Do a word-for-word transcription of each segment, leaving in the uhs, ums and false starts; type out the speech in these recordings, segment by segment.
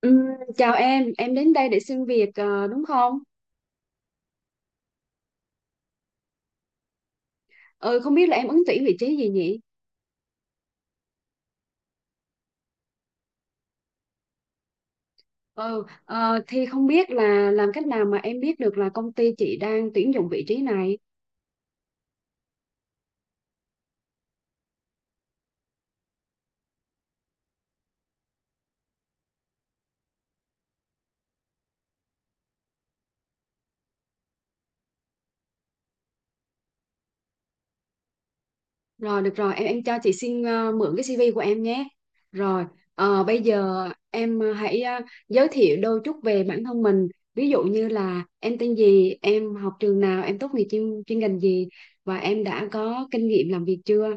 Ừm, Chào em, em đến đây để xin việc ờ, đúng không? Ừ, không biết là em ứng tuyển vị trí gì nhỉ? Ừ, ờ, thì không biết là làm cách nào mà em biết được là công ty chị đang tuyển dụng vị trí này. Rồi, được rồi, em em cho chị xin ờ, mượn cái si vi của em nhé. Rồi, ờ, bây giờ em ờ, hãy ờ, giới thiệu đôi chút về bản thân mình. Ví dụ như là em tên gì, em học trường nào, em tốt nghiệp chuyên, chuyên ngành gì và em đã có kinh nghiệm làm việc chưa?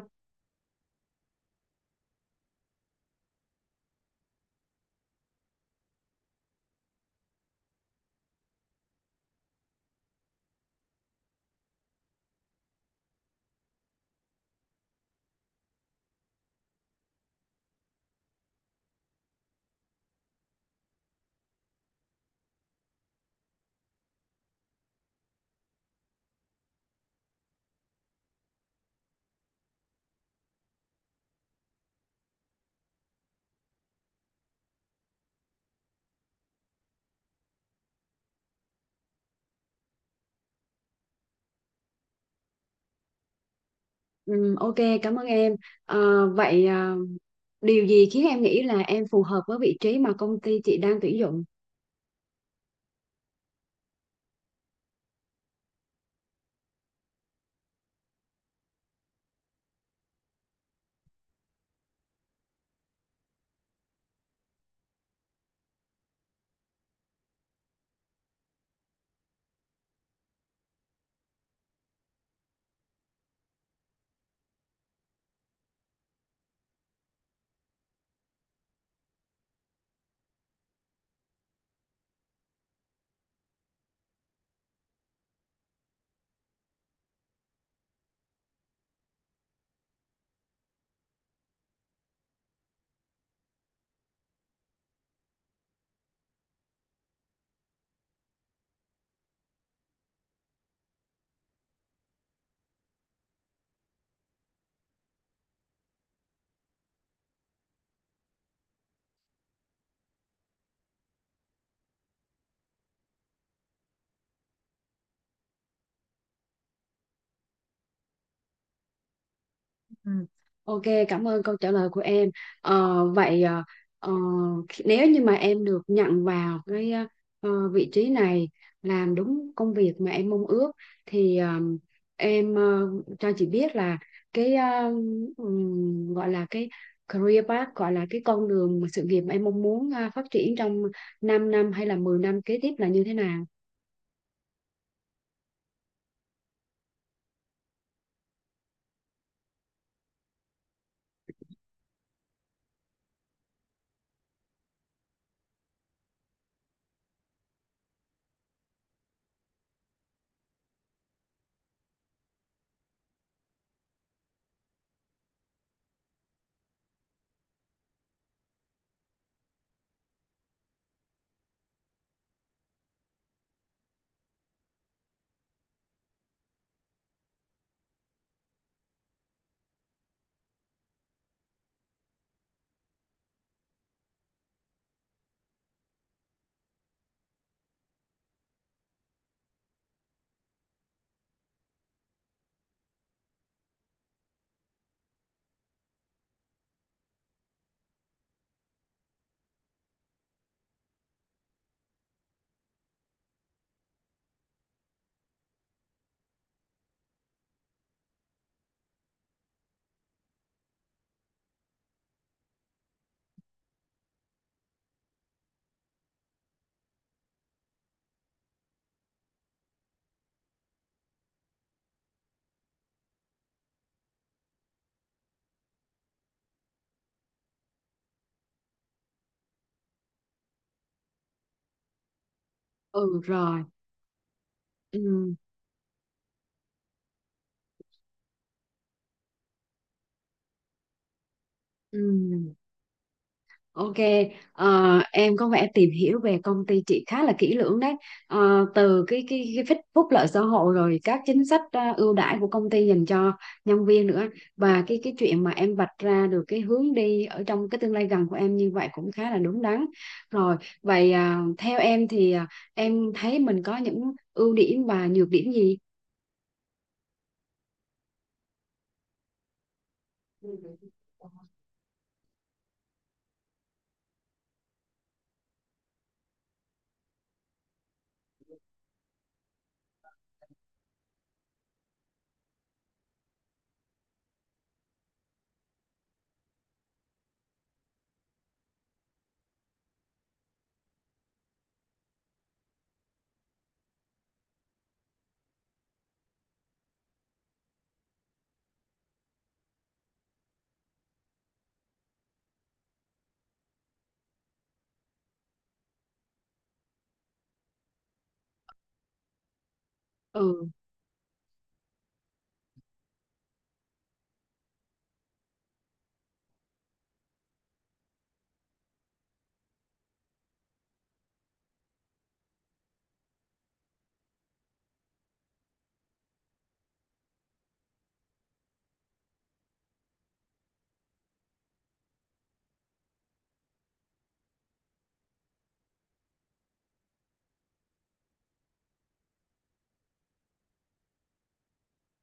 Ừm, ok, cảm ơn em. Ờ, vậy ờ, điều gì khiến em nghĩ là em phù hợp với vị trí mà công ty chị đang tuyển dụng. Ừ. Ok, cảm ơn câu trả lời của em. Ờ, vậy ờ, ờ, nếu như mà em được nhận vào cái ờ, vị trí này làm đúng công việc mà em mong ước thì ờ, em ờ, cho chị biết là cái ờ, ừm, gọi là cái career path, gọi là cái con đường mà sự nghiệp mà em mong muốn ờ, phát triển trong 5 năm hay là mười năm kế tiếp là như thế nào? Ừ rồi. Ừ. Ừm, ok. Ờ, em có vẻ tìm hiểu về công ty chị khá là kỹ lưỡng đấy. Ờ, từ cái cái cái phích- phúc lợi xã hội rồi các chính sách ờ, ưu đãi của công ty dành cho nhân viên nữa và cái cái chuyện mà em vạch ra được cái hướng đi ở trong cái tương lai gần của em như vậy cũng khá là đúng đắn. Rồi, vậy à, theo em thì à, em thấy mình có những ưu điểm và nhược điểm gì? Ừ.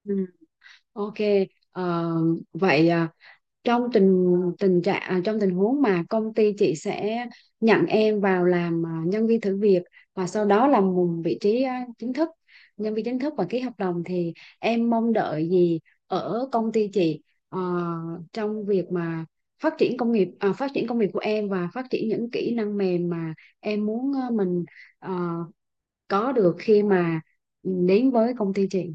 Ừ, ok. Ờ, Vậy ờ, trong tình tình trạng à, trong tình huống mà công ty chị sẽ nhận em vào làm à, nhân viên thử việc và sau đó là một vị trí à, chính thức, nhân viên chính thức và ký hợp đồng thì em mong đợi gì ở công ty chị ờ, trong việc mà phát triển công nghiệp à, phát triển công việc của em và phát triển những kỹ năng mềm mà em muốn ờ, mình ờ, có được khi mà đến với công ty chị.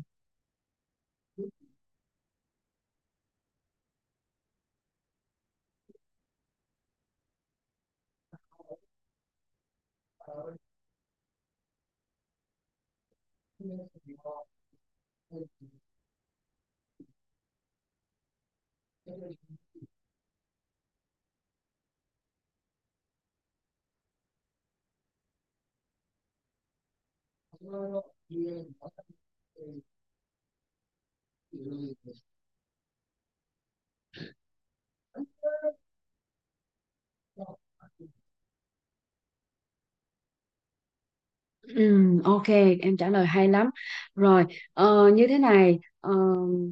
Ừm, ok, em trả lời hay lắm. Rồi, ờ, như thế này, ờ,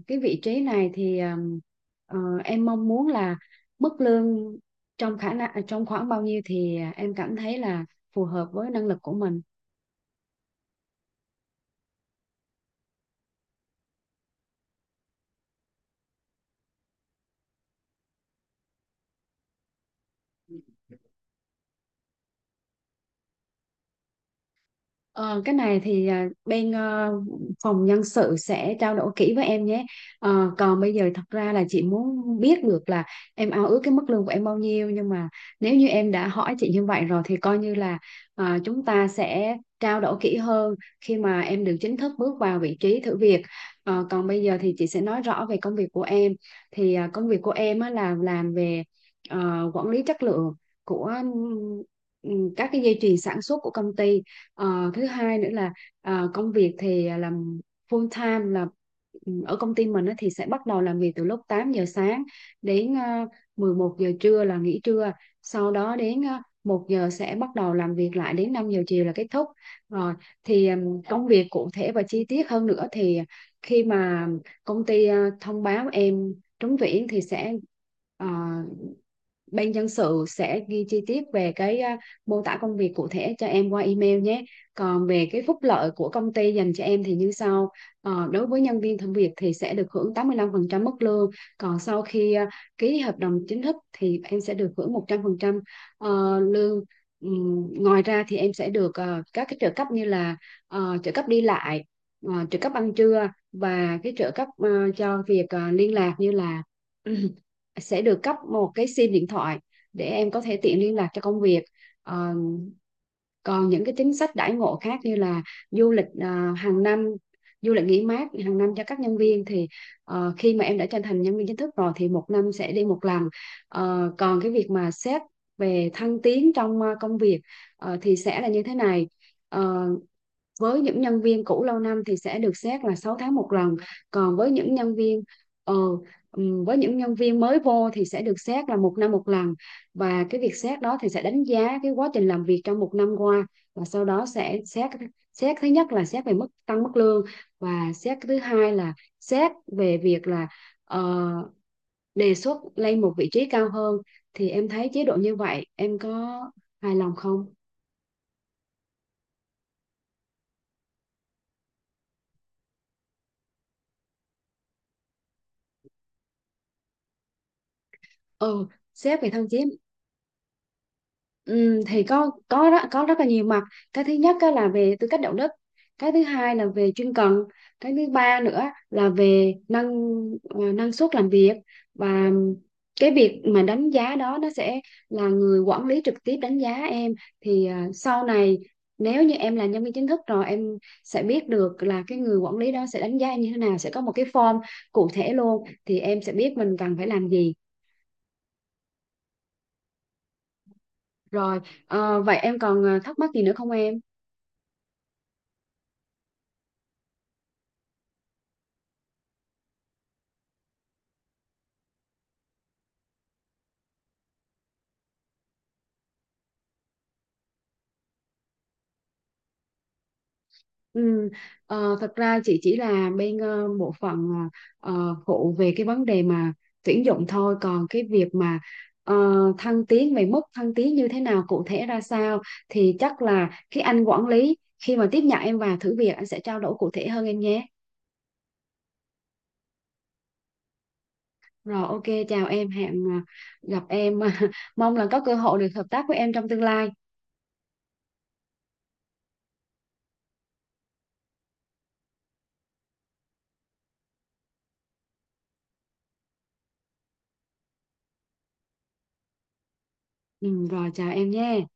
cái vị trí này thì ờm, ờ, em mong muốn là mức lương trong khả năng, à, trong khoảng bao nhiêu thì em cảm thấy là phù hợp với năng lực của mình. Ờ, cái này thì à, bên ờ, phòng nhân sự sẽ trao đổi kỹ với em nhé. Ờ, còn bây giờ thật ra là chị muốn biết được là em ao ước cái mức lương của em bao nhiêu, nhưng mà nếu như em đã hỏi chị như vậy rồi thì coi như là à, chúng ta sẽ trao đổi kỹ hơn khi mà em được chính thức bước vào vị trí thử việc. Ờ, còn bây giờ thì chị sẽ nói rõ về công việc của em. Thì à, công việc của em á, là làm về ờ, quản lý chất lượng của ừ, các cái dây chuyền sản xuất của công ty. Ờ, thứ hai nữa là ờ, công việc thì làm full time, là ừ, ở công ty mình á thì sẽ bắt đầu làm việc từ lúc tám giờ sáng đến ờ, mười một giờ trưa là nghỉ trưa, sau đó đến ờ, 1 giờ sẽ bắt đầu làm việc lại đến năm giờ chiều là kết thúc rồi. Thì ừm, công việc cụ thể và chi tiết hơn nữa thì khi mà công ty ờ, thông báo em trúng tuyển thì sẽ ờ, bên nhân sự sẽ ghi chi tiết về cái à, mô tả công việc cụ thể cho em qua email nhé. Còn về cái phúc lợi của công ty dành cho em thì như sau. Ờ, đối với nhân viên thử việc thì sẽ được hưởng tám mươi lăm phần trăm mức lương. Còn sau khi à, ký hợp đồng chính thức thì em sẽ được hưởng một trăm phần trăm ờ, lương. Ừm, ngoài ra thì em sẽ được ờ, các cái trợ cấp như là ờ, trợ cấp đi lại, ờ, trợ cấp ăn trưa và cái trợ cấp ờ, cho việc ờ, liên lạc, như là sẽ được cấp một cái sim điện thoại để em có thể tiện liên lạc cho công việc. Ờ, Còn những cái chính sách đãi ngộ khác như là du lịch à, hàng năm du lịch nghỉ mát hàng năm cho các nhân viên thì ờ, khi mà em đã trở thành nhân viên chính thức rồi thì một năm sẽ đi một lần. Ờ, còn cái việc mà xét về thăng tiến trong ờ, công việc ờ, thì sẽ là như thế này. Ờ, với những nhân viên cũ lâu năm thì sẽ được xét là sáu tháng một lần, còn với những nhân viên ờ, ừm, với những nhân viên mới vô thì sẽ được xét là một năm một lần. Và cái việc xét đó thì sẽ đánh giá cái quá trình làm việc trong một năm qua và sau đó sẽ xét xét thứ nhất là xét về mức tăng mức lương và xét thứ hai là xét về việc là ờ, đề xuất lên một vị trí cao hơn. Thì em thấy chế độ như vậy em có hài lòng không? Ừ, xét về thăng tiến. Ừ, thì có có rất, có rất là nhiều mặt. Cái thứ nhất á là về tư cách đạo đức, cái thứ hai là về chuyên cần, cái thứ ba nữa là về năng ờ, năng suất làm việc. Và cái việc mà đánh giá đó nó sẽ là người quản lý trực tiếp đánh giá em. Thì ờ, sau này nếu như em là nhân viên chính thức rồi, em sẽ biết được là cái người quản lý đó sẽ đánh giá em như thế nào, sẽ có một cái form cụ thể luôn thì em sẽ biết mình cần phải làm gì. Rồi, ờ, vậy em còn ờ, thắc mắc gì nữa không em? Ừ, ờ, thật ra chị chỉ là bên ờ, bộ phận ờ, ờ, phụ về cái vấn đề mà tuyển dụng thôi, còn cái việc mà ờ, thăng tiến về mức thăng tiến như thế nào, cụ thể ra sao thì chắc là cái anh quản lý khi mà tiếp nhận em vào thử việc anh sẽ trao đổi cụ thể hơn em nhé. Rồi, ok, chào em, hẹn ờ, gặp em mong là có cơ hội được hợp tác với em trong tương lai. Ừ, rồi chào em nhé.